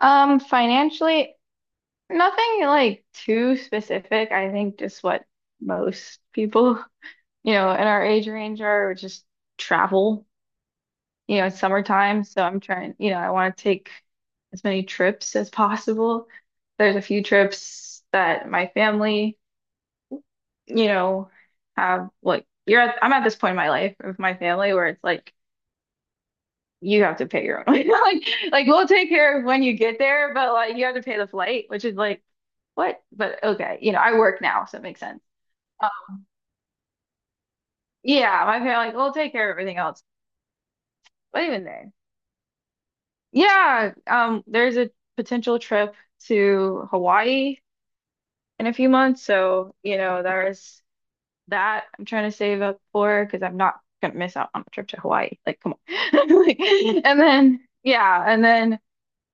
Financially, nothing like too specific. I think just what most people, you know, in our age range are, which is travel. You know, it's summertime, so I'm trying, you know, I want to take as many trips as possible. There's a few trips that my family, you know, have like you're at, I'm at this point in my life with my family where it's like you have to pay your own way. Like we'll take care of when you get there, but like you have to pay the flight, which is like, what? But okay, you know, I work now, so it makes sense. Um, yeah, my parents like, we'll take care of everything else. But even then, yeah, there's a potential trip to Hawaii in a few months, so you know, there's that I'm trying to save up for because I'm not gonna miss out on a trip to Hawaii. Like, come on. Like, and then yeah, and then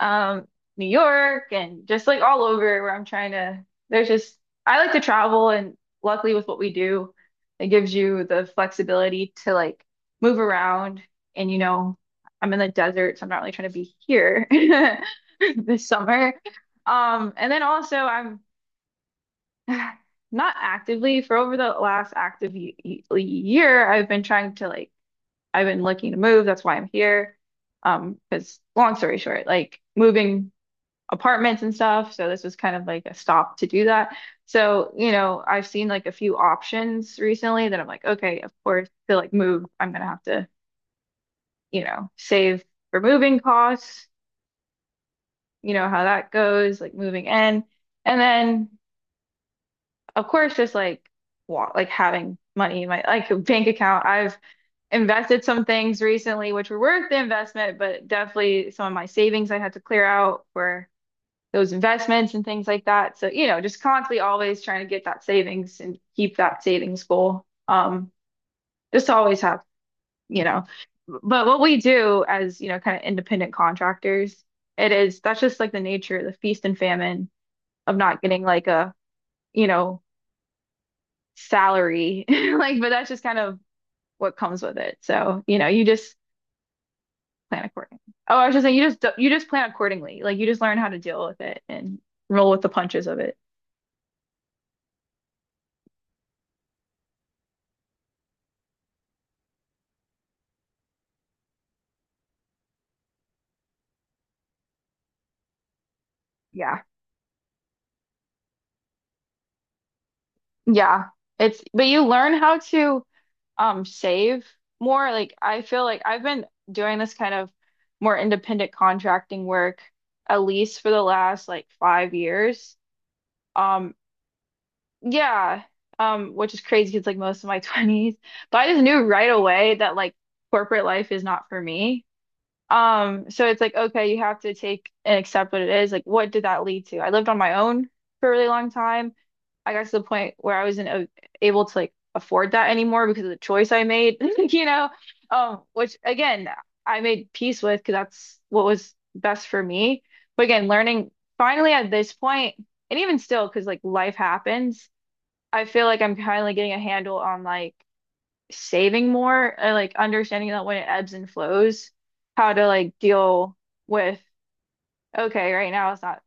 um, New York and just like all over where I'm trying to. There's just, I like to travel, and luckily with what we do, it gives you the flexibility to like move around. And you know, I'm in the desert, so I'm not really trying to be here this summer. And then also I'm not actively for over the last active year, I've been trying to like, I've been looking to move. That's why I'm here. Because long story short, like moving apartments and stuff. So this was kind of like a stop to do that. So, you know, I've seen like a few options recently that I'm like, okay, of course, to like move, I'm gonna have to, you know, save for moving costs, you know, how that goes, like moving in. And then, of course, just like like having money in my like bank account. I've invested some things recently which were worth the investment, but definitely some of my savings I had to clear out for those investments and things like that. So, you know, just constantly always trying to get that savings and keep that savings goal. Just always have, you know, but what we do as, you know, kind of independent contractors, it is that's just like the nature, the feast and famine of not getting like a, you know, salary. Like, but that's just kind of what comes with it. So, you know, you just plan accordingly. Oh, I was just saying, you just plan accordingly. Like you just learn how to deal with it and roll with the punches of it. Yeah. Yeah, it's but you learn how to save more. Like I feel like I've been doing this kind of more independent contracting work at least for the last like 5 years. Um yeah, which is crazy because like most of my 20s, but I just knew right away that like corporate life is not for me. So it's like okay, you have to take and accept what it is. Like what did that lead to? I lived on my own for a really long time. I got to the point where I wasn't able to like afford that anymore because of the choice I made, you know, which again, I made peace with because that's what was best for me. But again, learning finally at this point, and even still, because like life happens, I feel like I'm finally getting a handle on like saving more and like understanding that when it ebbs and flows, how to like deal with, okay, right now it's not.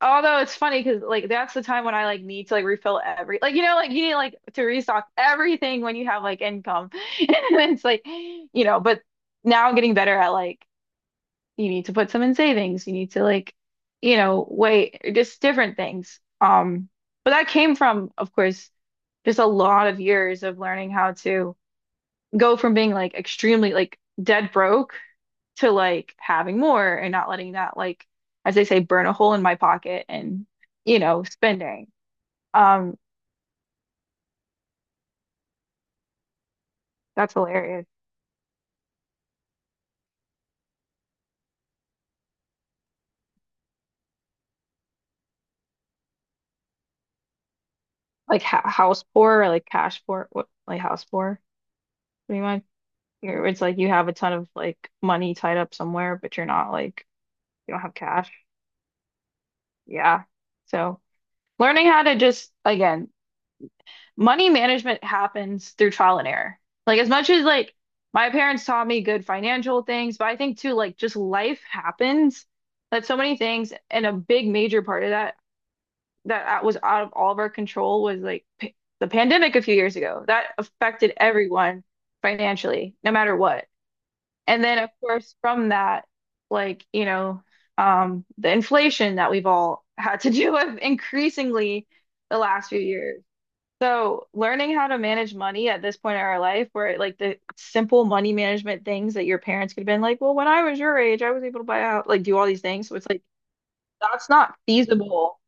Although it's funny because like that's the time when I like need to like refill every like you know like you need like to restock everything when you have like income and it's like you know but now I'm getting better at like you need to put some in savings you need to like you know wait just different things but that came from of course just a lot of years of learning how to go from being like extremely like dead broke to like having more and not letting that like as they say burn a hole in my pocket and you know spending um that's hilarious like ha house poor or like cash poor what like house poor what do you mind. You're, it's like you have a ton of like money tied up somewhere but you're not like you don't have cash, yeah. So learning how to just again money management happens through trial and error. Like as much as like my parents taught me good financial things, but I think too like just life happens. Like so many things, and a big major part of that that was out of all of our control was like p the pandemic a few years ago. That affected everyone financially, no matter what. And then of course from that, like, you know, the inflation that we've all had to deal with increasingly the last few years. So, learning how to manage money at this point in our life, where like the simple money management things that your parents could have been like, well, when I was your age, I was able to buy out, like do all these things. So it's like, that's not feasible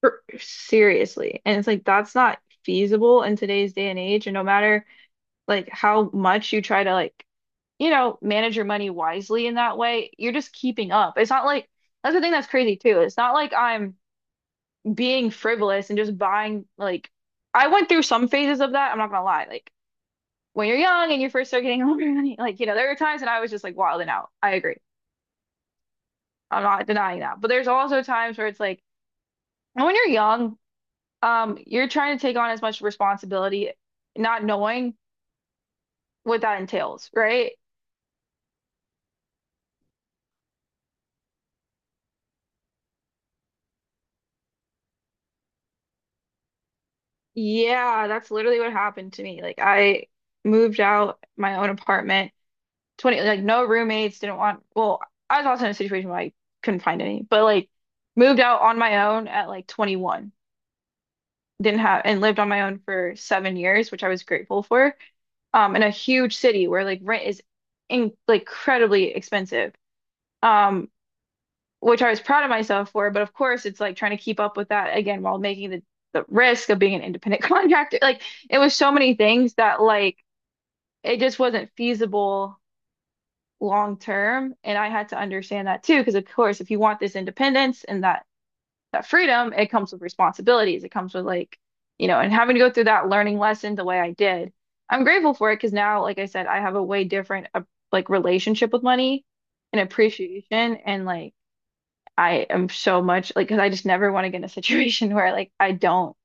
for, seriously. And it's like, that's not feasible in today's day and age. And no matter like how much you try to like, you know, manage your money wisely in that way, you're just keeping up. It's not like, that's the thing that's crazy too. It's not like I'm being frivolous and just buying like I went through some phases of that, I'm not gonna lie. Like when you're young and you first start getting older, like you know, there are times when I was just like wilding out. I agree. I'm not denying that. But there's also times where it's like when you're young, you're trying to take on as much responsibility, not knowing what that entails, right? Yeah, that's literally what happened to me. Like I moved out my own apartment 20 like no roommates didn't want well I was also in a situation where I couldn't find any but like moved out on my own at like 21 didn't have and lived on my own for 7 years which I was grateful for in a huge city where like rent is in, like incredibly expensive um which I was proud of myself for but of course it's like trying to keep up with that again while making the risk of being an independent contractor like it was so many things that like it just wasn't feasible long term. And I had to understand that too, because of course, if you want this independence and that freedom, it comes with responsibilities. It comes with like, you know, and having to go through that learning lesson the way I did. I'm grateful for it because now, like I said, I have a way different like relationship with money and appreciation and like I am so much like because I just never want to get in a situation where like I don't,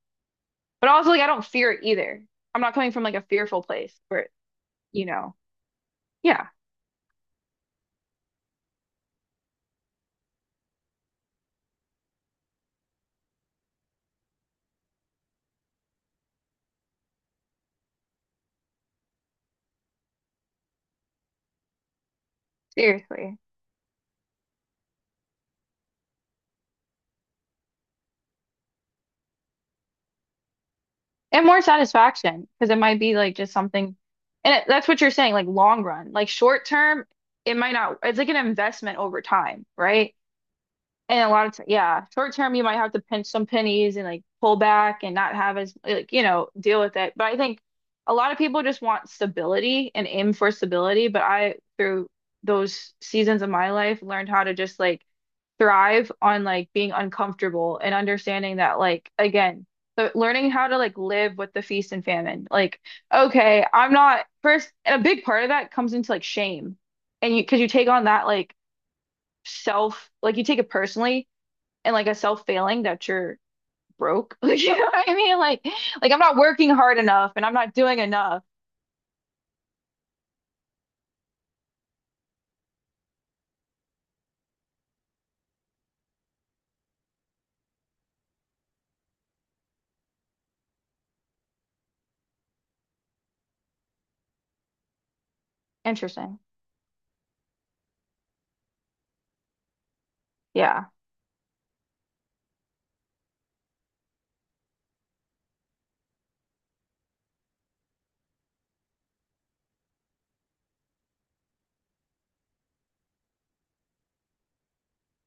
but also like I don't fear it either. I'm not coming from like a fearful place where, you know, yeah, seriously. And more satisfaction because it might be like just something, and it, that's what you're saying, like long run, like short term, it might not, it's like an investment over time, right? And a lot of, t yeah, short term, you might have to pinch some pennies and like pull back and not have as, like, you know, deal with it. But I think a lot of people just want stability and aim for stability. But I, through those seasons of my life, learned how to just like, thrive on like being uncomfortable and understanding that like again the learning how to like live with the feast and famine like okay I'm not first and a big part of that comes into like shame and you because you take on that like self like you take it personally and like a self failing that you're broke you know what I mean like I'm not working hard enough and I'm not doing enough. Interesting. Yeah,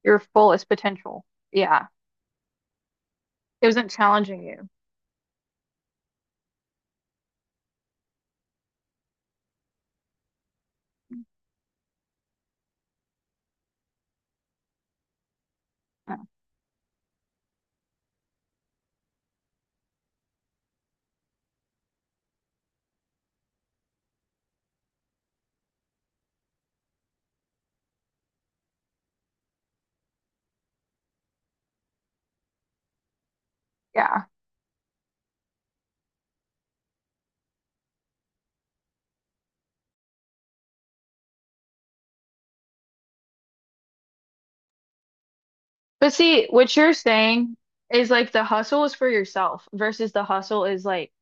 your fullest potential, yeah, it wasn't challenging you, yeah. But see, what you're saying is like the hustle is for yourself versus the hustle is like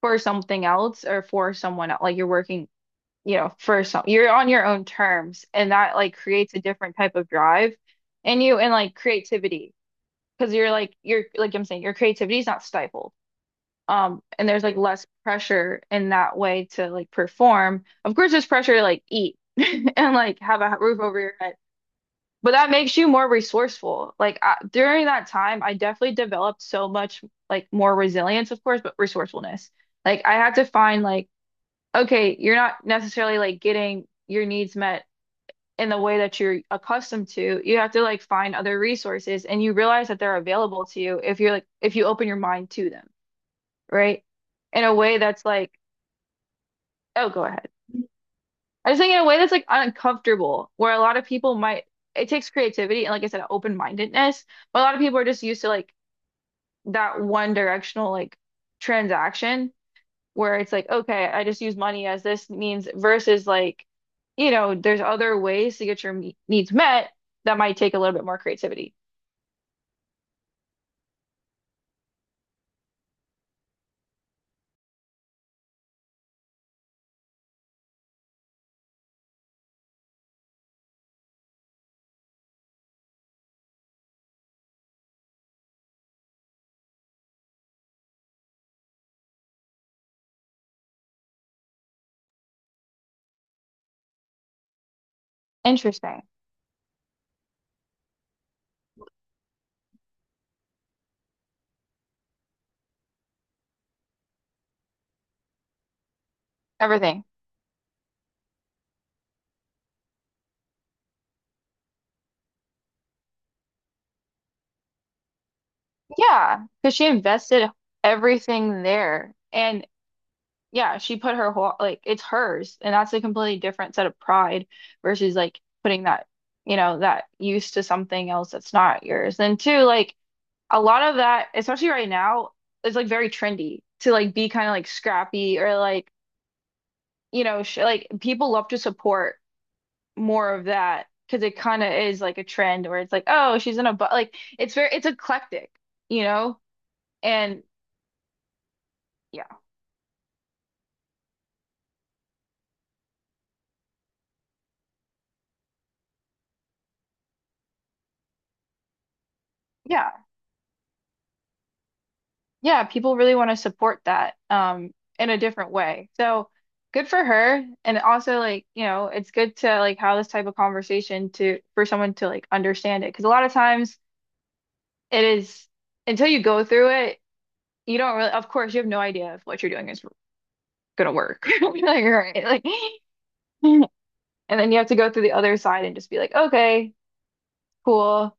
for something else or for someone else. Like you're working, you know, for some, you're on your own terms and that like creates a different type of drive in you and like creativity. Because you're like I'm saying, your creativity is not stifled. And there's like less pressure in that way to like perform. Of course, there's pressure to like eat and like have a roof over your head but that makes you more resourceful. Like I, during that time, I definitely developed so much like more resilience, of course, but resourcefulness. Like I had to find like, okay, you're not necessarily like getting your needs met in the way that you're accustomed to. You have to like find other resources and you realize that they're available to you if you're like if you open your mind to them, right? In a way that's like, oh, go ahead. I just think in a way that's like uncomfortable, where a lot of people might, it takes creativity and like I said, open-mindedness, but a lot of people are just used to like that one directional like transaction where it's like, okay, I just use money as this means versus like, you know, there's other ways to get your needs met that might take a little bit more creativity. Interesting. Everything. Yeah, because she invested everything there. And yeah, she put her whole like it's hers, and that's a completely different set of pride versus like putting that, you know, that use to something else that's not yours. And two, like a lot of that, especially right now, is like very trendy to like be kind of like scrappy or like, you know, sh like people love to support more of that because it kind of is like a trend where it's like, oh, she's in a but like it's very it's eclectic, you know? And yeah, yeah, yeah, people really want to support that in a different way. So good for her. And also like, you know, it's good to like have this type of conversation to for someone to like understand it. Because a lot of times it is until you go through it, you don't really of course you have no idea if what you're doing is gonna work. Like, all right, like and then you have to go through the other side and just be like, okay, cool.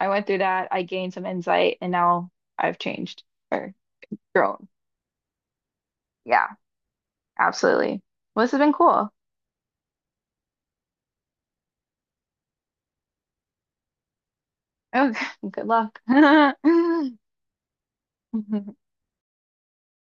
I went through that. I gained some insight and now I've changed or grown. Yeah, absolutely. Well, this has been cool. Okay, good luck. Mhm.